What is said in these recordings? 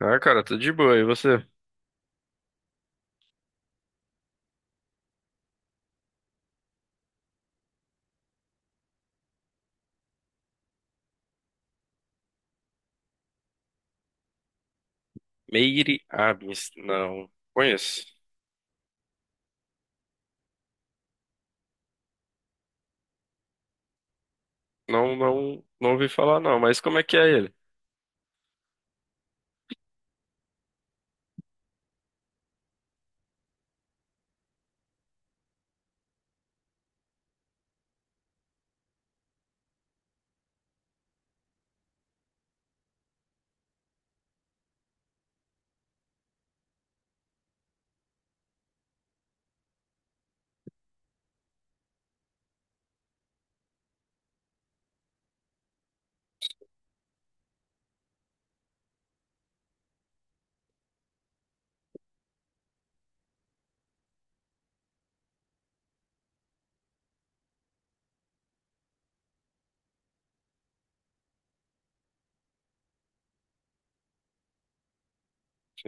Ah, cara, tudo de boa. E você? Meire Abins. Não. Conheço. Não, não ouvi falar, não. Mas como é que é ele?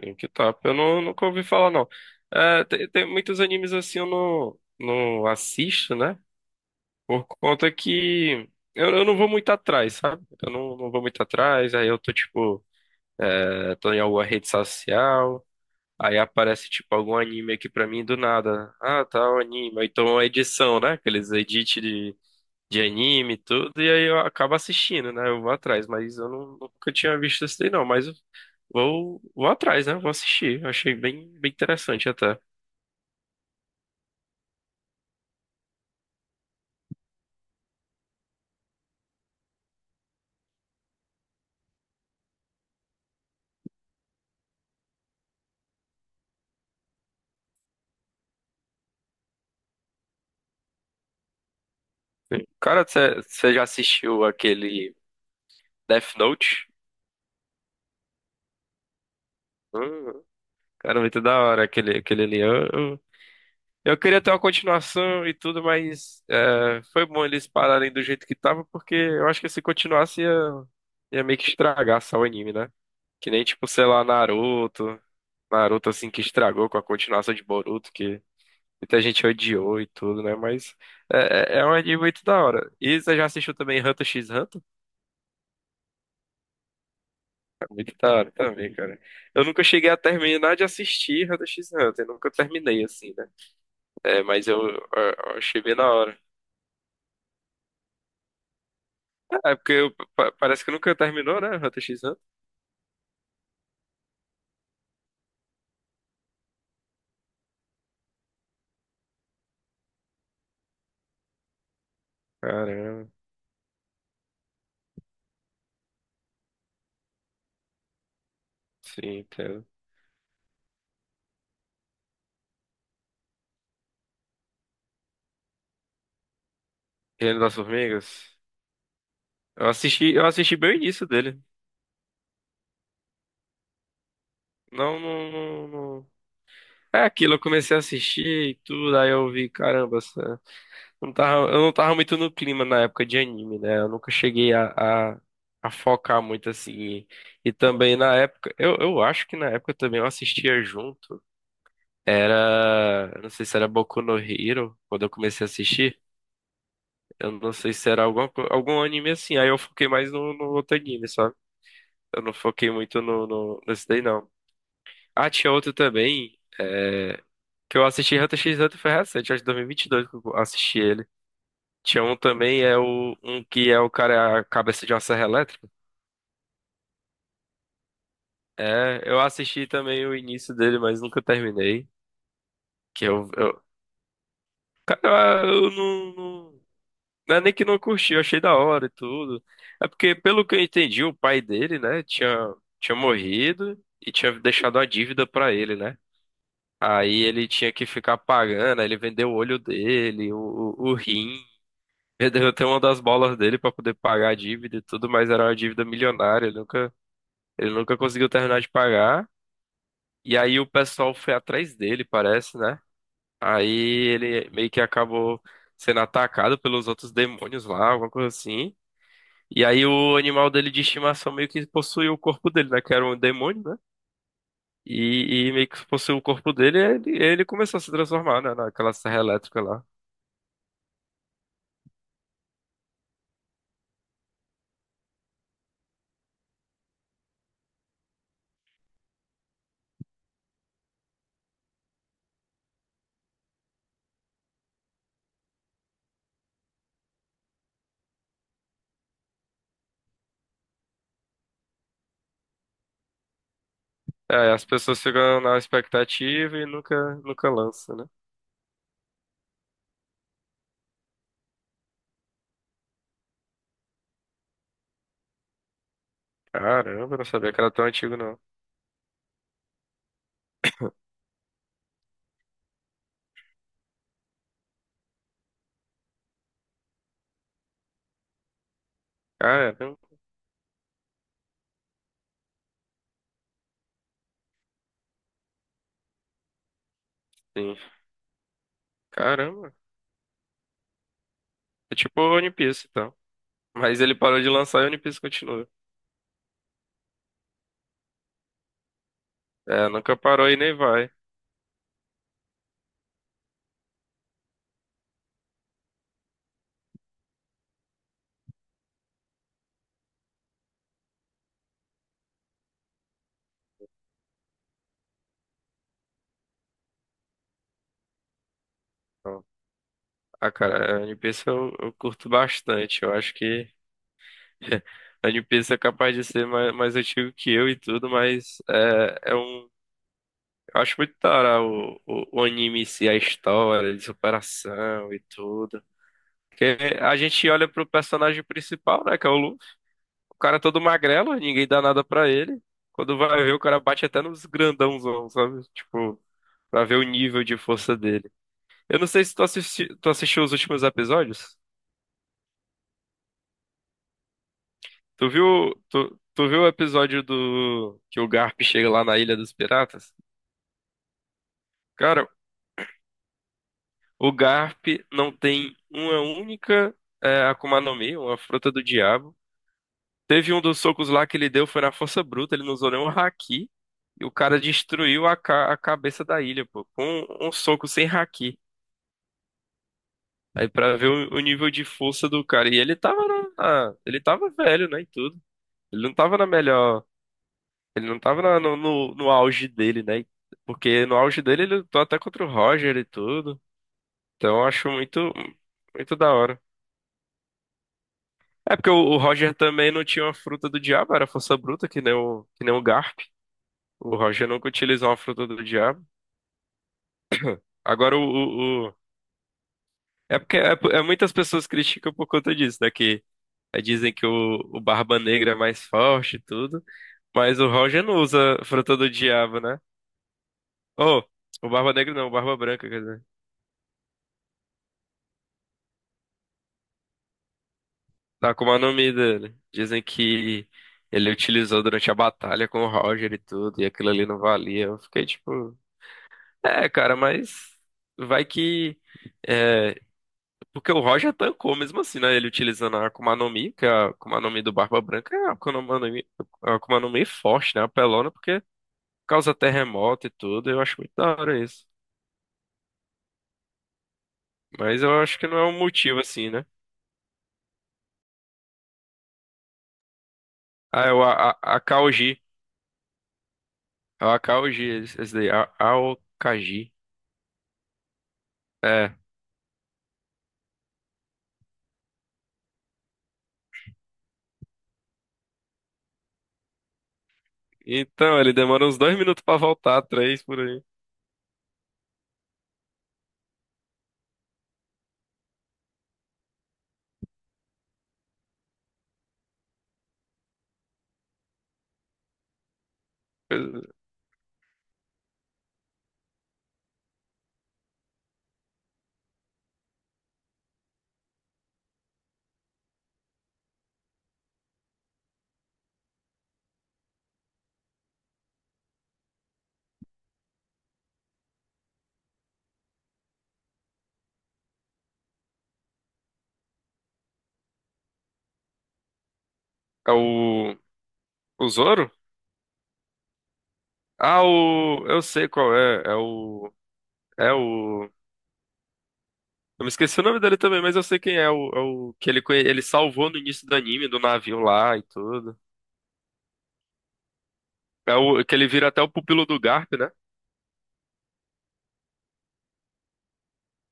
Sim, que top. Eu não, nunca ouvi falar, não. É, tem muitos animes assim eu não assisto, né? Por conta que eu não vou muito atrás, sabe? Eu não vou muito atrás. Aí eu tô, tipo, tô em alguma rede social. Aí aparece, tipo, algum anime aqui pra mim do nada. Ah, tá, o anime. Ou então, a edição, né? Aqueles edits de anime e tudo, e aí eu acabo assistindo, né? Eu vou atrás, mas eu não, nunca tinha visto esse daí, não. Mas eu vou atrás, né? Vou assistir. Eu Achei bem interessante até. Cara, você já assistiu aquele Death Note? Hum, cara, muito da hora aquele ali. Eu queria ter uma continuação e tudo, mas é, foi bom eles pararem do jeito que tava, porque eu acho que se continuasse ia meio que estragar só o anime, né? Que nem, tipo, sei lá, Naruto. Naruto assim que estragou com a continuação de Boruto, que muita gente odiou e tudo, né? Mas é, é um anime muito da hora. E você já assistiu também Hunter x Hunter? É muito da hora também, cara. Eu nunca cheguei a terminar de assistir Hunter x Hunter, nunca terminei assim, né? É, mas eu achei bem da hora. É, porque parece que nunca terminou, né? Hunter x Hunter. Caramba, sim, entendo. Reino das Formigas? Eu assisti bem o início dele. Não, não. É aquilo, eu comecei a assistir e tudo, aí eu vi, caramba, eu não tava muito no clima na época de anime, né? Eu nunca cheguei a focar muito assim. E também na época, eu acho que na época também eu assistia junto. Era, eu não sei se era Boku no Hero, quando eu comecei a assistir. Eu não sei se era algum anime assim. Aí eu foquei mais no outro anime, sabe? Eu não foquei muito nesse daí, não. Ah, tinha outro também. Que eu assisti Hunter x Hunter foi recente, acho que 2022 que eu assisti ele. Tinha um também, é o um que é o cara é a cabeça de uma serra elétrica. É, eu assisti também o início dele, mas nunca terminei. Que eu cara, eu não, não, não é nem que não curti, eu achei da hora e tudo. É porque, pelo que eu entendi, o pai dele, né, tinha morrido e tinha deixado a dívida pra ele, né? Aí ele tinha que ficar pagando, aí ele vendeu o olho dele, o rim. Ele derrotei uma das bolas dele pra poder pagar a dívida e tudo, mas era uma dívida milionária, ele nunca conseguiu terminar de pagar. E aí o pessoal foi atrás dele, parece, né? Aí ele meio que acabou sendo atacado pelos outros demônios lá, alguma coisa assim. E aí o animal dele de estimação meio que possuiu o corpo dele, né? Que era um demônio, né? E meio que possuiu o corpo dele, e ele começou a se transformar, né? Naquela serra elétrica lá. É, as pessoas ficam na expectativa e nunca lança, né? Caramba, não sabia que era tão antigo, não. Caramba, sim. Caramba. É tipo o One Piece, então. Mas ele parou de lançar e o One Piece continua. É, nunca parou e nem vai. Então, ah, cara, é, One Piece eu curto bastante. Eu acho que a One Piece é capaz de ser mais antigo que eu e tudo, mas é, é um. Eu acho muito da hora o anime em si, a história de superação e tudo. Porque a gente olha pro personagem principal, né, que é o cara é todo magrelo, ninguém dá nada pra ele. Quando vai ver, o cara bate até nos grandãozão, sabe? Tipo, pra ver o nível de força dele. Eu não sei se tu assisti, tu assistiu os últimos episódios. Tu viu, tu viu o episódio do que o Garp chega lá na Ilha dos Piratas? Cara, o Garp não tem uma única Akuma no Mi, uma fruta do diabo. Teve um dos socos lá que ele deu, foi na força bruta, ele não usou nenhum haki. E o cara destruiu a cabeça da ilha, pô, com um soco sem haki. Aí pra ver o nível de força do cara. E ele tava ele tava velho, né, e tudo. Ele não tava na melhor, ele não tava no auge dele, né? Porque no auge dele ele lutou até contra o Roger e tudo. Então eu acho muito da hora. É porque o Roger também não tinha uma fruta do diabo, era força bruta, que nem o Garp. O Roger nunca utilizou uma fruta do diabo. Agora É porque é, é muitas pessoas criticam por conta disso, né? Que é, dizem que o Barba Negra é mais forte e tudo. Mas o Roger não usa fruta do diabo, né? Oh, o Barba Negra não, o Barba Branca, quer dizer. Tá como é o nome dele. Dizem que ele utilizou durante a batalha com o Roger e tudo, e aquilo ali não valia. Eu fiquei tipo. É, cara, mas vai que. é, Porque o Roger tancou mesmo assim, né? Ele utilizando a Akuma no Mi, que é a Akuma no Mi do Barba Branca, é a Akuma no Mi forte, né? Apelona, porque causa terremoto e tudo. Eu acho muito da hora isso. Mas eu acho que não é um motivo assim, né? Ah, é o Akaoji. É o Akaoji, esse daí. A- Aokaji. É. Então, ele demora uns dois minutos pra voltar, três por aí. É o. O Zoro? Ah, o. Eu sei qual é. É o. É o. Eu me esqueci o nome dele também, mas eu sei quem é. O, é o que ele, ele salvou no início do anime, do navio lá e tudo. É o que ele vira até o pupilo do Garp, né?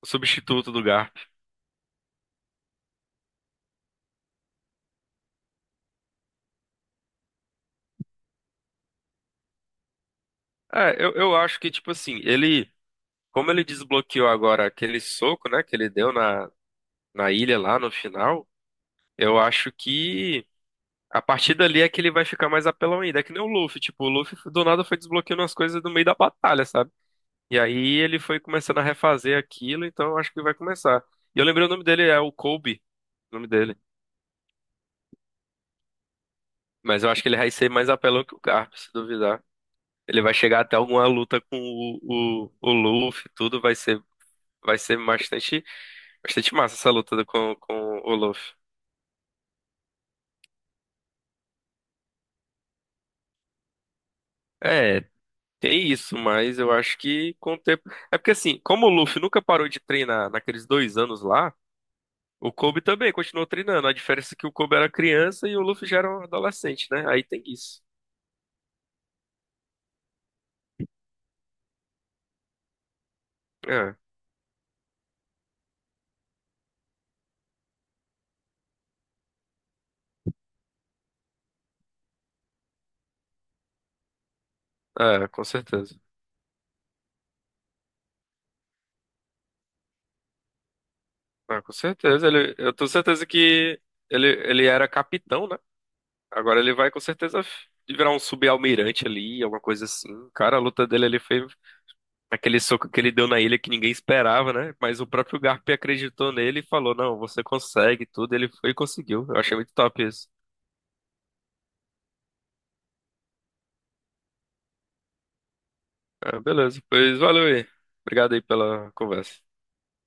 O substituto do Garp. É, eu acho que, tipo assim, ele. Como ele desbloqueou agora aquele soco, né? Que ele deu na ilha lá no final. Eu acho que. A partir dali é que ele vai ficar mais apelão ainda. É que nem o Luffy. Tipo, o Luffy do nada foi desbloqueando as coisas no meio da batalha, sabe? E aí ele foi começando a refazer aquilo, então eu acho que vai começar. E eu lembrei o nome dele, é o Kobe, o nome dele. Mas eu acho que ele vai ser mais apelão que o Garp, se duvidar. Ele vai chegar até alguma luta com o Luffy, tudo vai ser bastante, bastante massa essa luta com o Luffy. É, tem isso, mas eu acho que com o tempo. É porque assim, como o Luffy nunca parou de treinar naqueles 2 anos lá. O Kobe também continuou treinando. A diferença é que o Kobe era criança e o Luffy já era um adolescente, né? Aí tem isso. É, é, com certeza. Ah, com certeza. Ele, eu tenho certeza que ele era capitão, né? Agora ele vai com certeza virar um subalmirante ali, alguma coisa assim. Cara, a luta dele ali foi aquele soco que ele deu na ilha que ninguém esperava, né? Mas o próprio Garp acreditou nele e falou: Não, você consegue tudo. Ele foi e conseguiu. Eu achei muito top isso. É, beleza, pois valeu aí. Obrigado aí pela conversa.